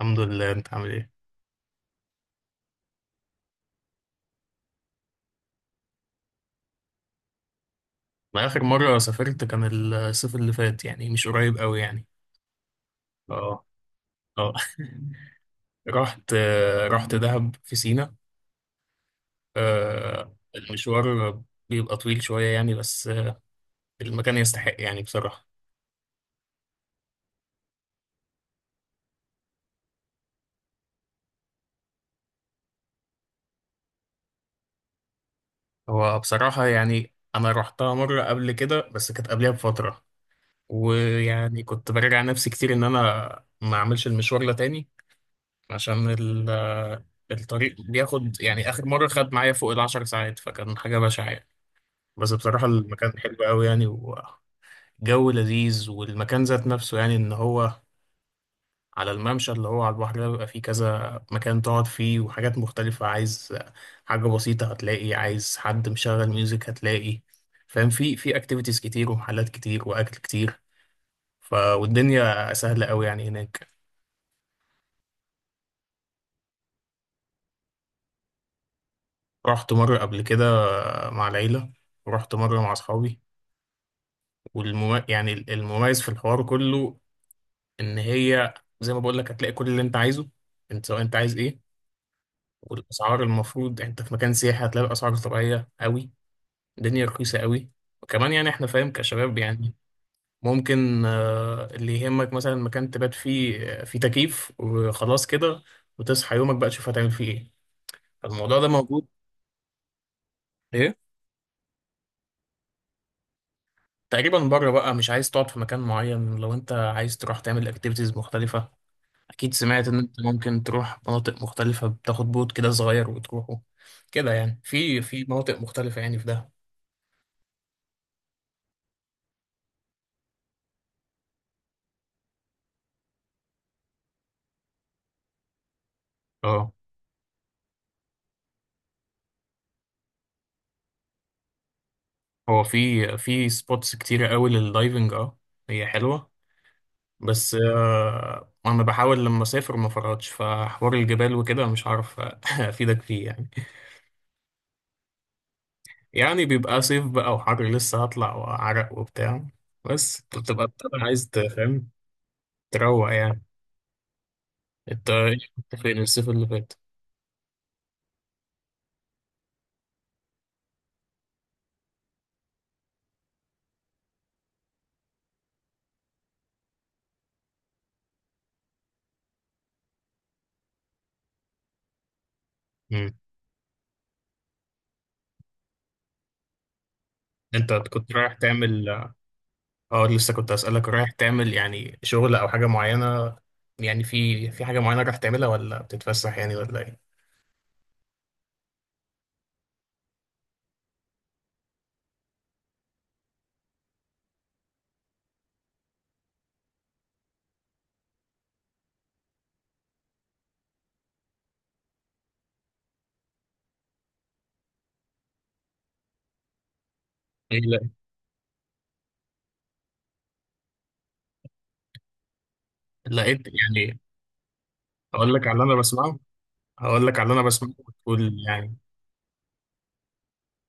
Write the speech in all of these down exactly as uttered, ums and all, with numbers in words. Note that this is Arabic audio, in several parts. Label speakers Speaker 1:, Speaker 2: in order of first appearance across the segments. Speaker 1: الحمد لله، انت عامل ايه؟ انا اخر مره سافرت كان الصيف اللي فات، يعني مش قريب قوي يعني. اه. اه. رحت رحت دهب في سينا. آه، المشوار بيبقى طويل شويه يعني، بس المكان يستحق يعني بصراحه. هو بصراحه يعني انا رحتها مره قبل كده، بس كانت قبلها بفتره، ويعني كنت براجع نفسي كتير ان انا ما اعملش المشوار ده تاني عشان ال- الطريق بياخد، يعني اخر مره خد معايا فوق العشر ساعات، فكان حاجه بشعه يعني. بس بصراحة المكان حلو قوي يعني، وجو لذيذ، والمكان ذات نفسه يعني ان هو على الممشى اللي هو على البحر ده، بيبقى فيه كذا مكان تقعد فيه وحاجات مختلفة. عايز حاجة بسيطة هتلاقي، عايز حد مشغل ميوزك هتلاقي، فاهم؟ في في اكتيفيتيز كتير، ومحلات كتير، واكل كتير، ف والدنيا سهلة قوي يعني هناك. رحت مرة قبل كده مع العيلة، ورحت مرة مع اصحابي. والمم... يعني المميز في الحوار كله ان هي، زي ما بقول لك، هتلاقي كل اللي انت عايزه. انت سواء انت عايز ايه، والاسعار، المفروض انت في مكان سياحي هتلاقي الاسعار طبيعيه قوي. الدنيا رخيصه قوي. وكمان يعني احنا فاهم كشباب يعني، ممكن آه، اللي يهمك مثلا مكان تبات فيه، آه، فيه تكييف وخلاص كده، وتصحى يومك بقى تشوف هتعمل فيه ايه. الموضوع ده موجود. ايه؟ تقريبا بره بقى، مش عايز تقعد في مكان معين لو انت عايز تروح تعمل اكتيفيتيز مختلفه. اكيد سمعت ان انت ممكن تروح مناطق مختلفة، بتاخد بوت كده صغير وتروحه كده يعني، في في مناطق مختلفة يعني، في ده. اه، هو في في سبوتس كتيرة قوي للدايفنج. اه هي حلوة. بس آه انا بحاول لما اسافر ما فرطش فحوار الجبال وكده، مش عارف افيدك فيه يعني. يعني بيبقى صيف بقى وحر، لسه هطلع وعرق وبتاع، بس بتبقى بتبقى عايز تفهم، تروق يعني. انت إيه كنت فين الصيف اللي فات؟ مم. انت كنت رايح تعمل؟ اه لسه كنت اسالك، رايح تعمل يعني شغل او حاجه معينه؟ يعني في في حاجه معينه رايح تعملها، ولا بتتفسح يعني، ولا ايه؟ إيه، لا لقيت يعني؟ هقول لك على اللي انا بسمعه هقول لك على اللي انا بسمعه وتقول يعني.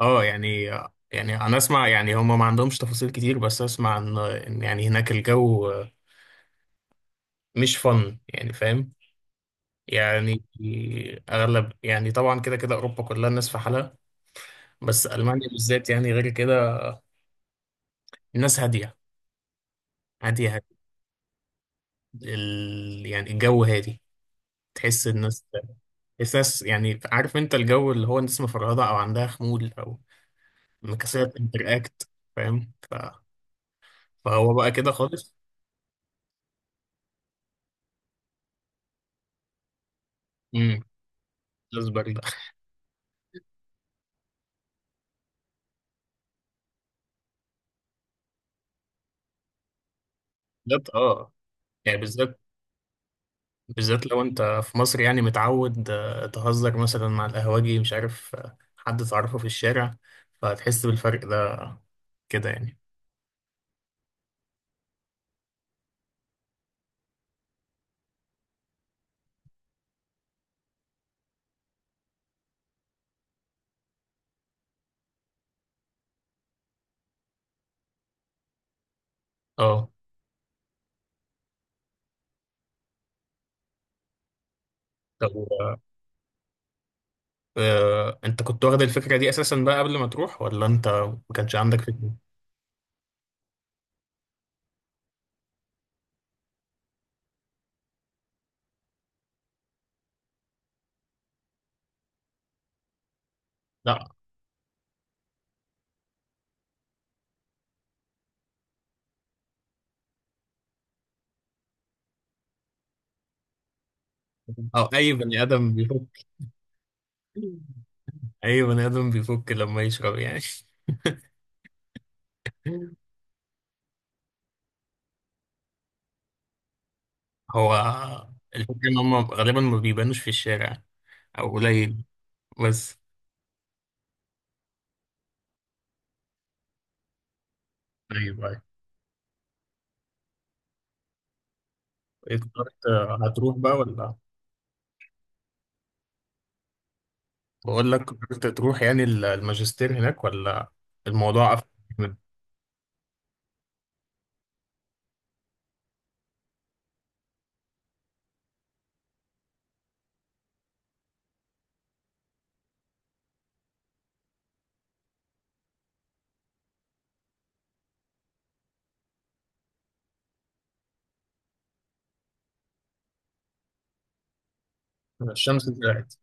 Speaker 1: اه يعني، يعني انا اسمع يعني هم ما عندهمش تفاصيل كتير، بس اسمع ان إن يعني هناك الجو مش فن يعني، فاهم؟ يعني اغلب يعني، طبعا كده كده اوروبا كلها الناس في حالها، بس المانيا بالذات يعني غير كده. الناس هاديه هاديه هادية. ال... يعني الجو هادي. تحس الناس تحس ناس يعني، عارف انت الجو اللي هو الناس مفرهدة او عندها خمول او مكسلة تنتراكت، فاهم؟ ف... فهو بقى كده خالص. امم اصبر ده. بالذات اه يعني، بالذات بالذات لو انت في مصر يعني متعود آه، تهزر مثلا مع القهوجي، مش عارف آه، حد تعرفه في الشارع، فهتحس بالفرق ده كده يعني. اه. طب آه، آه، انت كنت واخد الفكرة دي اساسا بقى قبل ما تروح، ولا انت ما كانش عندك فكرة؟ لا. او اي بني ادم بيفكر اي بني ادم بيفك لما يشرب يعني. هو الفكره ان هم غالبا ما بيبانوش في الشارع، او قليل بس. ايوه، ايوه. إيه قررت، هتروح بقى ولا؟ بقول لك قررت تروح يعني ال- الماجستير هناك، ولا الموضوع قفل جامد؟ الشمس طلعت.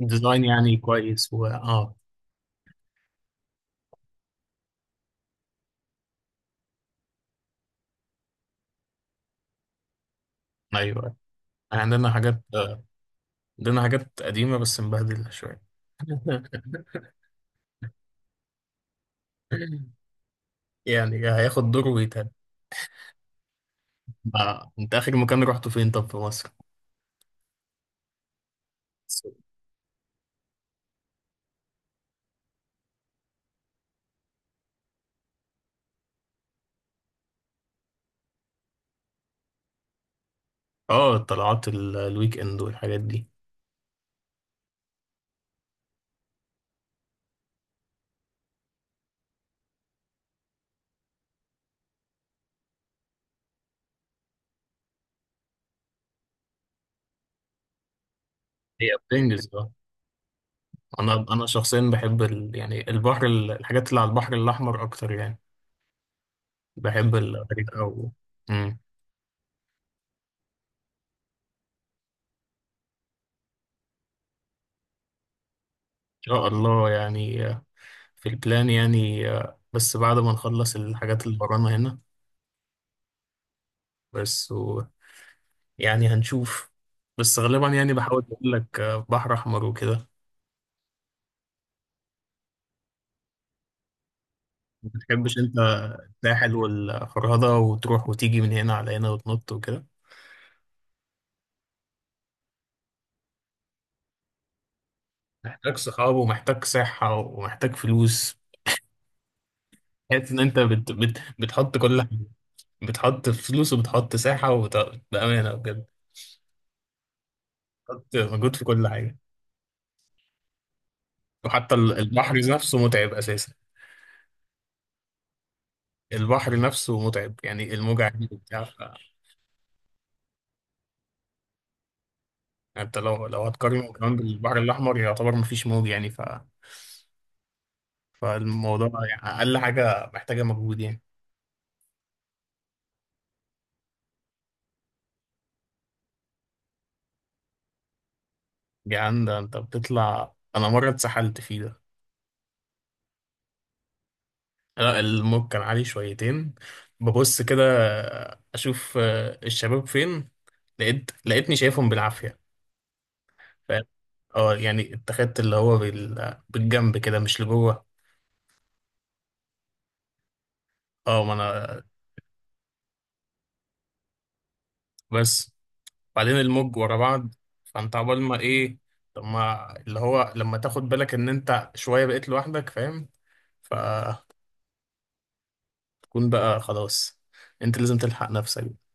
Speaker 1: الديزاين يعني كويس و اه. ايوه. عندنا حاجات عندنا حاجات قديمه بس مبهدله شويه. يعني هياخد دور ويتهد. آه، انت اخر مكان رحته فين؟ طب في مصر؟ اه، طلعات ال- الويك اند والحاجات دي. هي بتنجز اه. انا انا شخصيا بحب ال... يعني البحر، ال- الحاجات اللي على البحر الاحمر اكتر يعني. بحب الحاجات او. امم ان شاء الله يعني، آه، في البلان يعني آه، بس بعد ما نخلص الحاجات اللي ورانا هنا. بس و... يعني هنشوف. بس غالبا يعني بحاول اقول لك آه، بحر احمر وكده. ما بتحبش انت الساحل والفرهدة، وتروح وتيجي من هنا على هنا وتنط وكده؟ محتاج صحاب ومحتاج صحة ومحتاج فلوس. تحس ان انت بت... بت... بتحط كل حاجه. بتحط فلوس وبتحط ساحه وبت... بامانه بجد، بتحط مجهود في كل حاجه. وحتى ال- البحر نفسه متعب اساسا. البحر نفسه متعب يعني، الموجة عالية وبتاع، ف- انت لو لو هتقارنه كمان بالبحر الاحمر يعتبر مفيش موج يعني، ف... فالموضوع يعني اقل حاجه محتاجه مجهود يعني. يعني ده انت بتطلع. انا مره اتسحلت فيه ده. لا الموج كان عالي شويتين. ببص كده اشوف آه، الشباب فين، لقيت لقيتني شايفهم بالعافية، فاهم؟ اه يعني اتخذت اللي هو بال... بالجنب كده مش لجوه. اه ما انا. بس بعدين الموج ورا بعض، فانت عبال ما ايه. طب ما اللي هو لما تاخد بالك ان انت شوية بقيت لوحدك، فاهم؟ فتكون بقى خلاص، انت لازم تلحق نفسك.